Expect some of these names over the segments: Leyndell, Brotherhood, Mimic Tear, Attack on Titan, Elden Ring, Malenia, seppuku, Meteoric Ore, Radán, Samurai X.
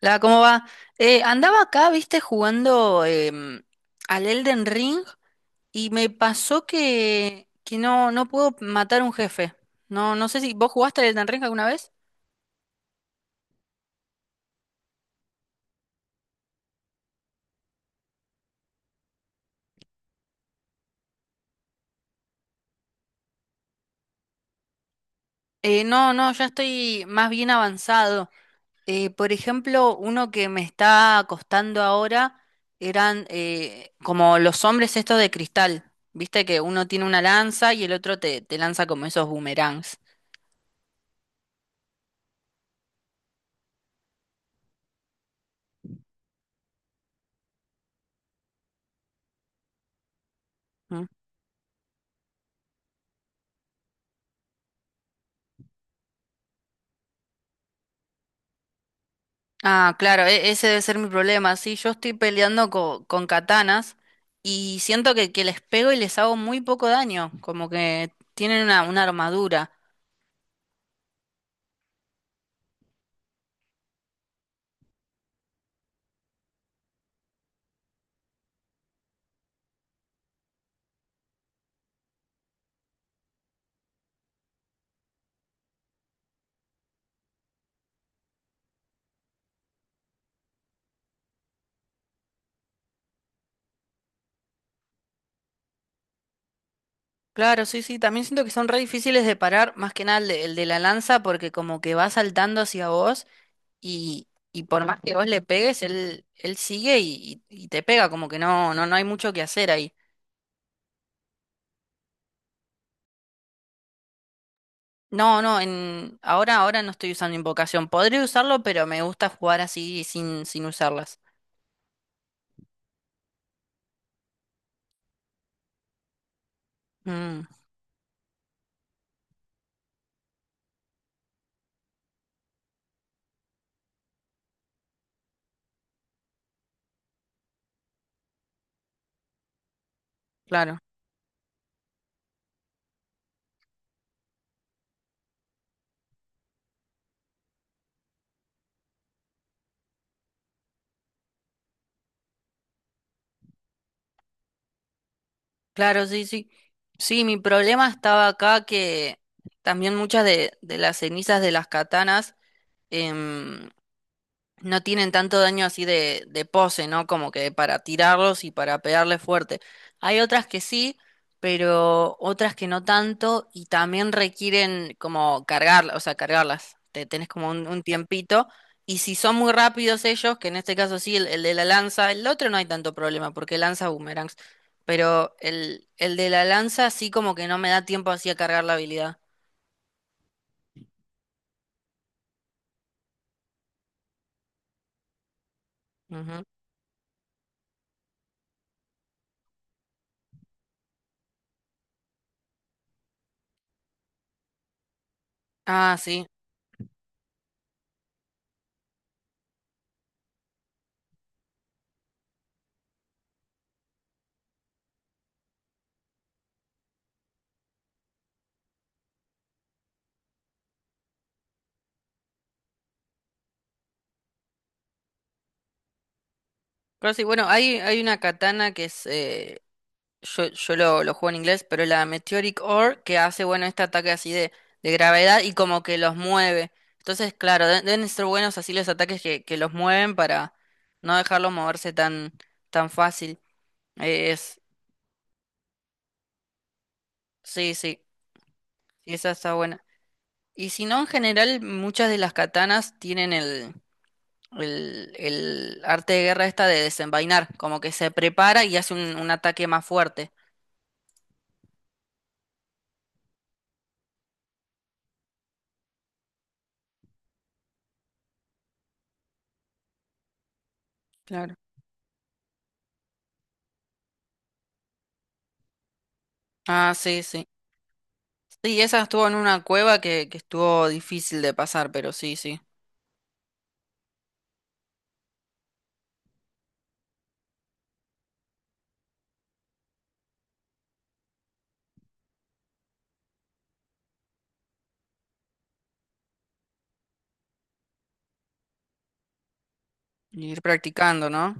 La, ¿cómo va? Andaba acá, viste, jugando al Elden Ring y me pasó que no puedo matar un jefe. No sé si vos jugaste al Elden Ring alguna vez. No, no, Ya estoy más bien avanzado. Por ejemplo, uno que me está costando ahora eran como los hombres estos de cristal. Viste que uno tiene una lanza y el otro te lanza como esos boomerangs. ¿Mm? Ah, claro, ese debe ser mi problema. Sí, yo estoy peleando con katanas y siento que les pego y les hago muy poco daño, como que tienen una armadura. Claro, sí, sí, también siento que son re difíciles de parar, más que nada el de la lanza, porque como que va saltando hacia vos y por más que vos le pegues, él sigue y te pega, como que no hay mucho que hacer ahí. Ahora no estoy usando invocación. Podría usarlo, pero me gusta jugar así sin usarlas. Mm. Claro, claro, sí, sí. Sí, mi problema estaba acá que también muchas de las cenizas de las katanas em, no tienen tanto daño así de pose, ¿no? Como que para tirarlos y para pegarle fuerte. Hay otras que sí, pero otras que no tanto y también requieren como cargarlas, o sea, cargarlas. Te tenés como un tiempito. Y si son muy rápidos ellos, que en este caso sí, el de la lanza, el otro no hay tanto problema porque lanza boomerangs, pero el de la lanza sí como que no me da tiempo así a cargar la habilidad. Ujú. Ah, sí. Pero sí, bueno, hay una katana que es yo, lo juego en inglés, pero la Meteoric Ore que hace, bueno, este ataque así de gravedad y como que los mueve. Entonces, claro, deben ser buenos así los ataques que los mueven para no dejarlos moverse tan, tan fácil. Eh, es, sí, sí, esa está buena. Y si no, en general, muchas de las katanas tienen el arte de guerra esta de desenvainar, como que se prepara y hace un ataque más fuerte. Claro. Ah, sí, sí. Sí, esa estuvo en una cueva que estuvo difícil de pasar, pero sí, sí. Ir practicando, ¿no?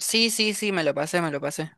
Sí, sí, sí, me lo pasé, me lo pasé.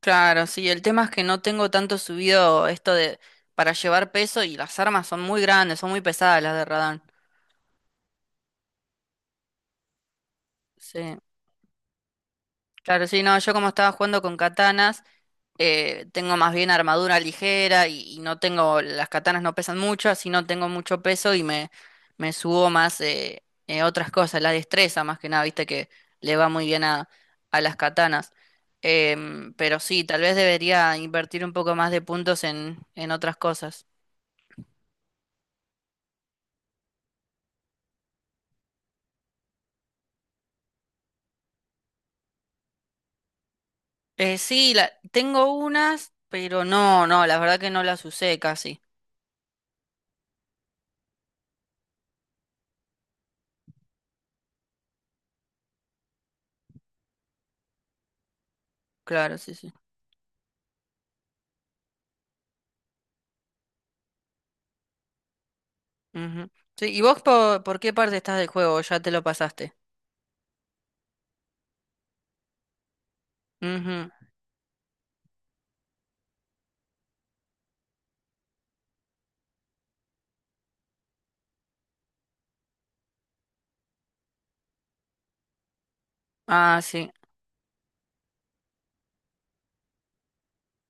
Claro, sí, el tema es que no tengo tanto subido esto de para llevar peso y las armas son muy grandes, son muy pesadas las de Radán. Sí, claro, sí, no, yo como estaba jugando con katanas, tengo más bien armadura ligera y no tengo, las katanas no pesan mucho, así no tengo mucho peso y me subo más otras cosas, la destreza más que nada, viste que le va muy bien a las katanas. Pero sí, tal vez debería invertir un poco más de puntos en otras cosas. Sí, la, tengo unas, pero la verdad que no las usé casi. Claro, sí, sí. Ujú. Sí, ¿y vos qué parte estás del juego? ¿Ya te lo pasaste? Ujú. Ah, sí.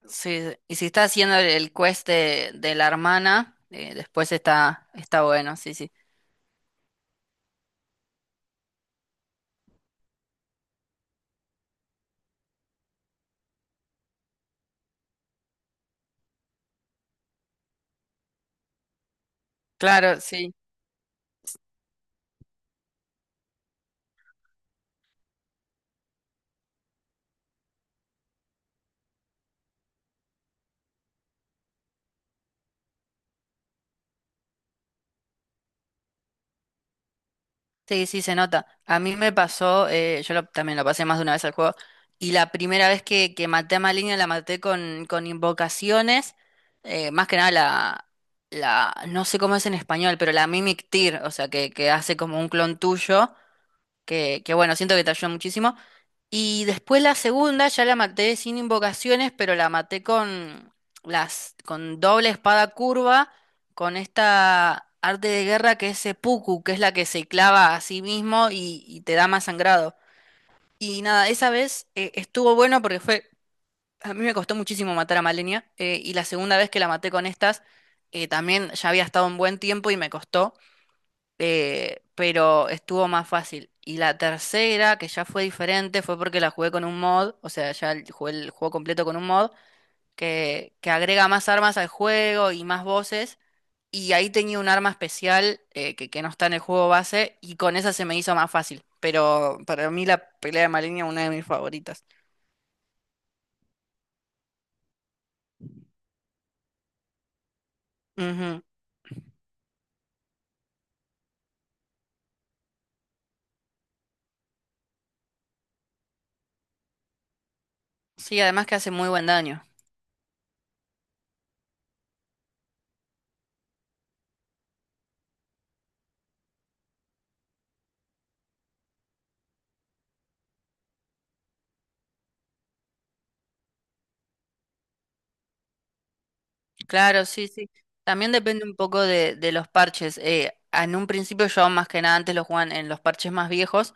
Sí, y si está haciendo el quest de la hermana, después está, está bueno, sí, sí. Claro, sí. Sí, sí, se nota. A mí me pasó, yo también lo pasé más de una vez al juego, y la primera vez que maté a Maligna la maté con invocaciones, más que nada no sé cómo es en español, pero la Mimic Tear, o sea, que hace como un clon tuyo, que bueno, siento que te ayuda muchísimo. Y después la segunda ya la maté sin invocaciones, pero la maté con las con doble espada curva, con esta arte de guerra que es seppuku, que es la que se clava a sí mismo y te da más sangrado. Y nada, esa vez estuvo bueno porque fue a mí me costó muchísimo matar a Malenia, y la segunda vez que la maté con estas también ya había estado un buen tiempo y me costó, pero estuvo más fácil. Y la tercera, que ya fue diferente, fue porque la jugué con un mod, o sea, ya jugué el juego completo con un mod, que agrega más armas al juego y más voces. Y ahí tenía un arma especial que no está en el juego base, y con esa se me hizo más fácil. Pero para mí la pelea de Malenia es una de mis favoritas. Ujú. Sí, además que hace muy buen daño. Claro, sí, sí. También depende un poco de los parches. En un principio yo más que nada antes lo jugaban en los parches más viejos.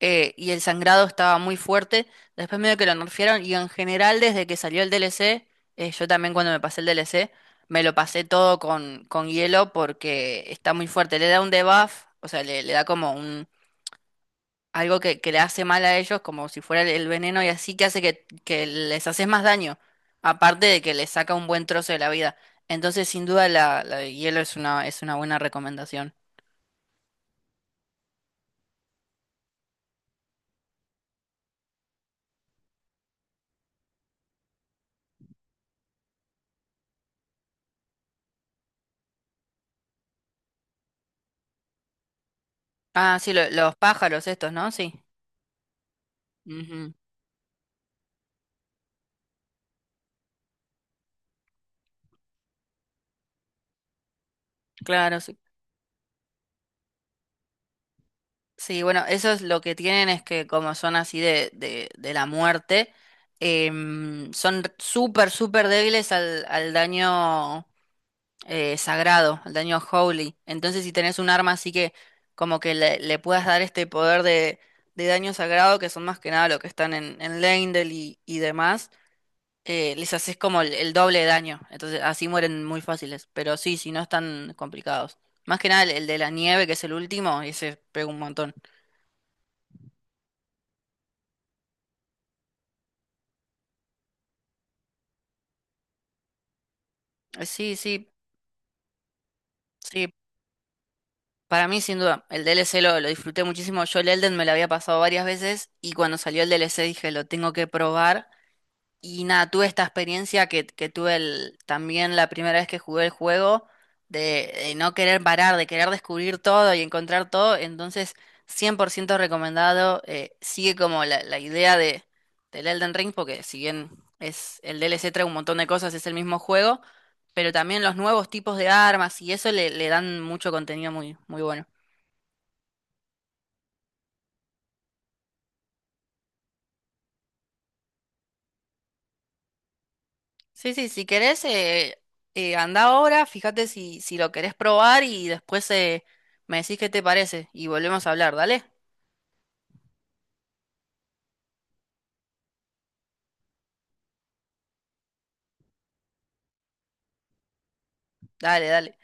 Y el sangrado estaba muy fuerte. Después medio que lo nerfearon y en general desde que salió el DLC. Yo también cuando me pasé el DLC, me lo pasé todo con hielo porque está muy fuerte. Le da un debuff, o sea, le da como un algo que le hace mal a ellos, como si fuera el veneno y así que hace que les haces más daño, aparte de que les saca un buen trozo de la vida. Entonces, sin duda, la de hielo es una buena recomendación. Ah, sí, los pájaros estos, ¿no? Sí. Ujú. Claro, sí. Sí, bueno, eso es lo que tienen es que como son así de la muerte, son súper, súper débiles al daño sagrado, al daño holy. Entonces si tenés un arma así que como que le puedas dar este poder de daño sagrado, que son más que nada lo que están en Leyndell y demás, les haces como el doble de daño. Entonces así mueren muy fáciles, pero sí, si no están complicados. Más que nada el de la nieve, que es el último, ese pega un montón. Sí, sí, sí. Para mí, sin duda, el DLC lo disfruté muchísimo. Yo el Elden me lo había pasado varias veces y cuando salió el DLC dije, lo tengo que probar. Y nada, tuve esta experiencia que tuve también la primera vez que jugué el juego, de no querer parar, de querer descubrir todo y encontrar todo. Entonces, 100% recomendado. Sigue como la idea de, del Elden Ring, porque si bien es el DLC trae un montón de cosas, es el mismo juego, pero también los nuevos tipos de armas y eso le dan mucho contenido muy, muy bueno. Sí, sí, si querés, anda ahora, fíjate si, si lo querés probar y después me decís qué te parece y volvemos a hablar, ¿dale? Dale, dale.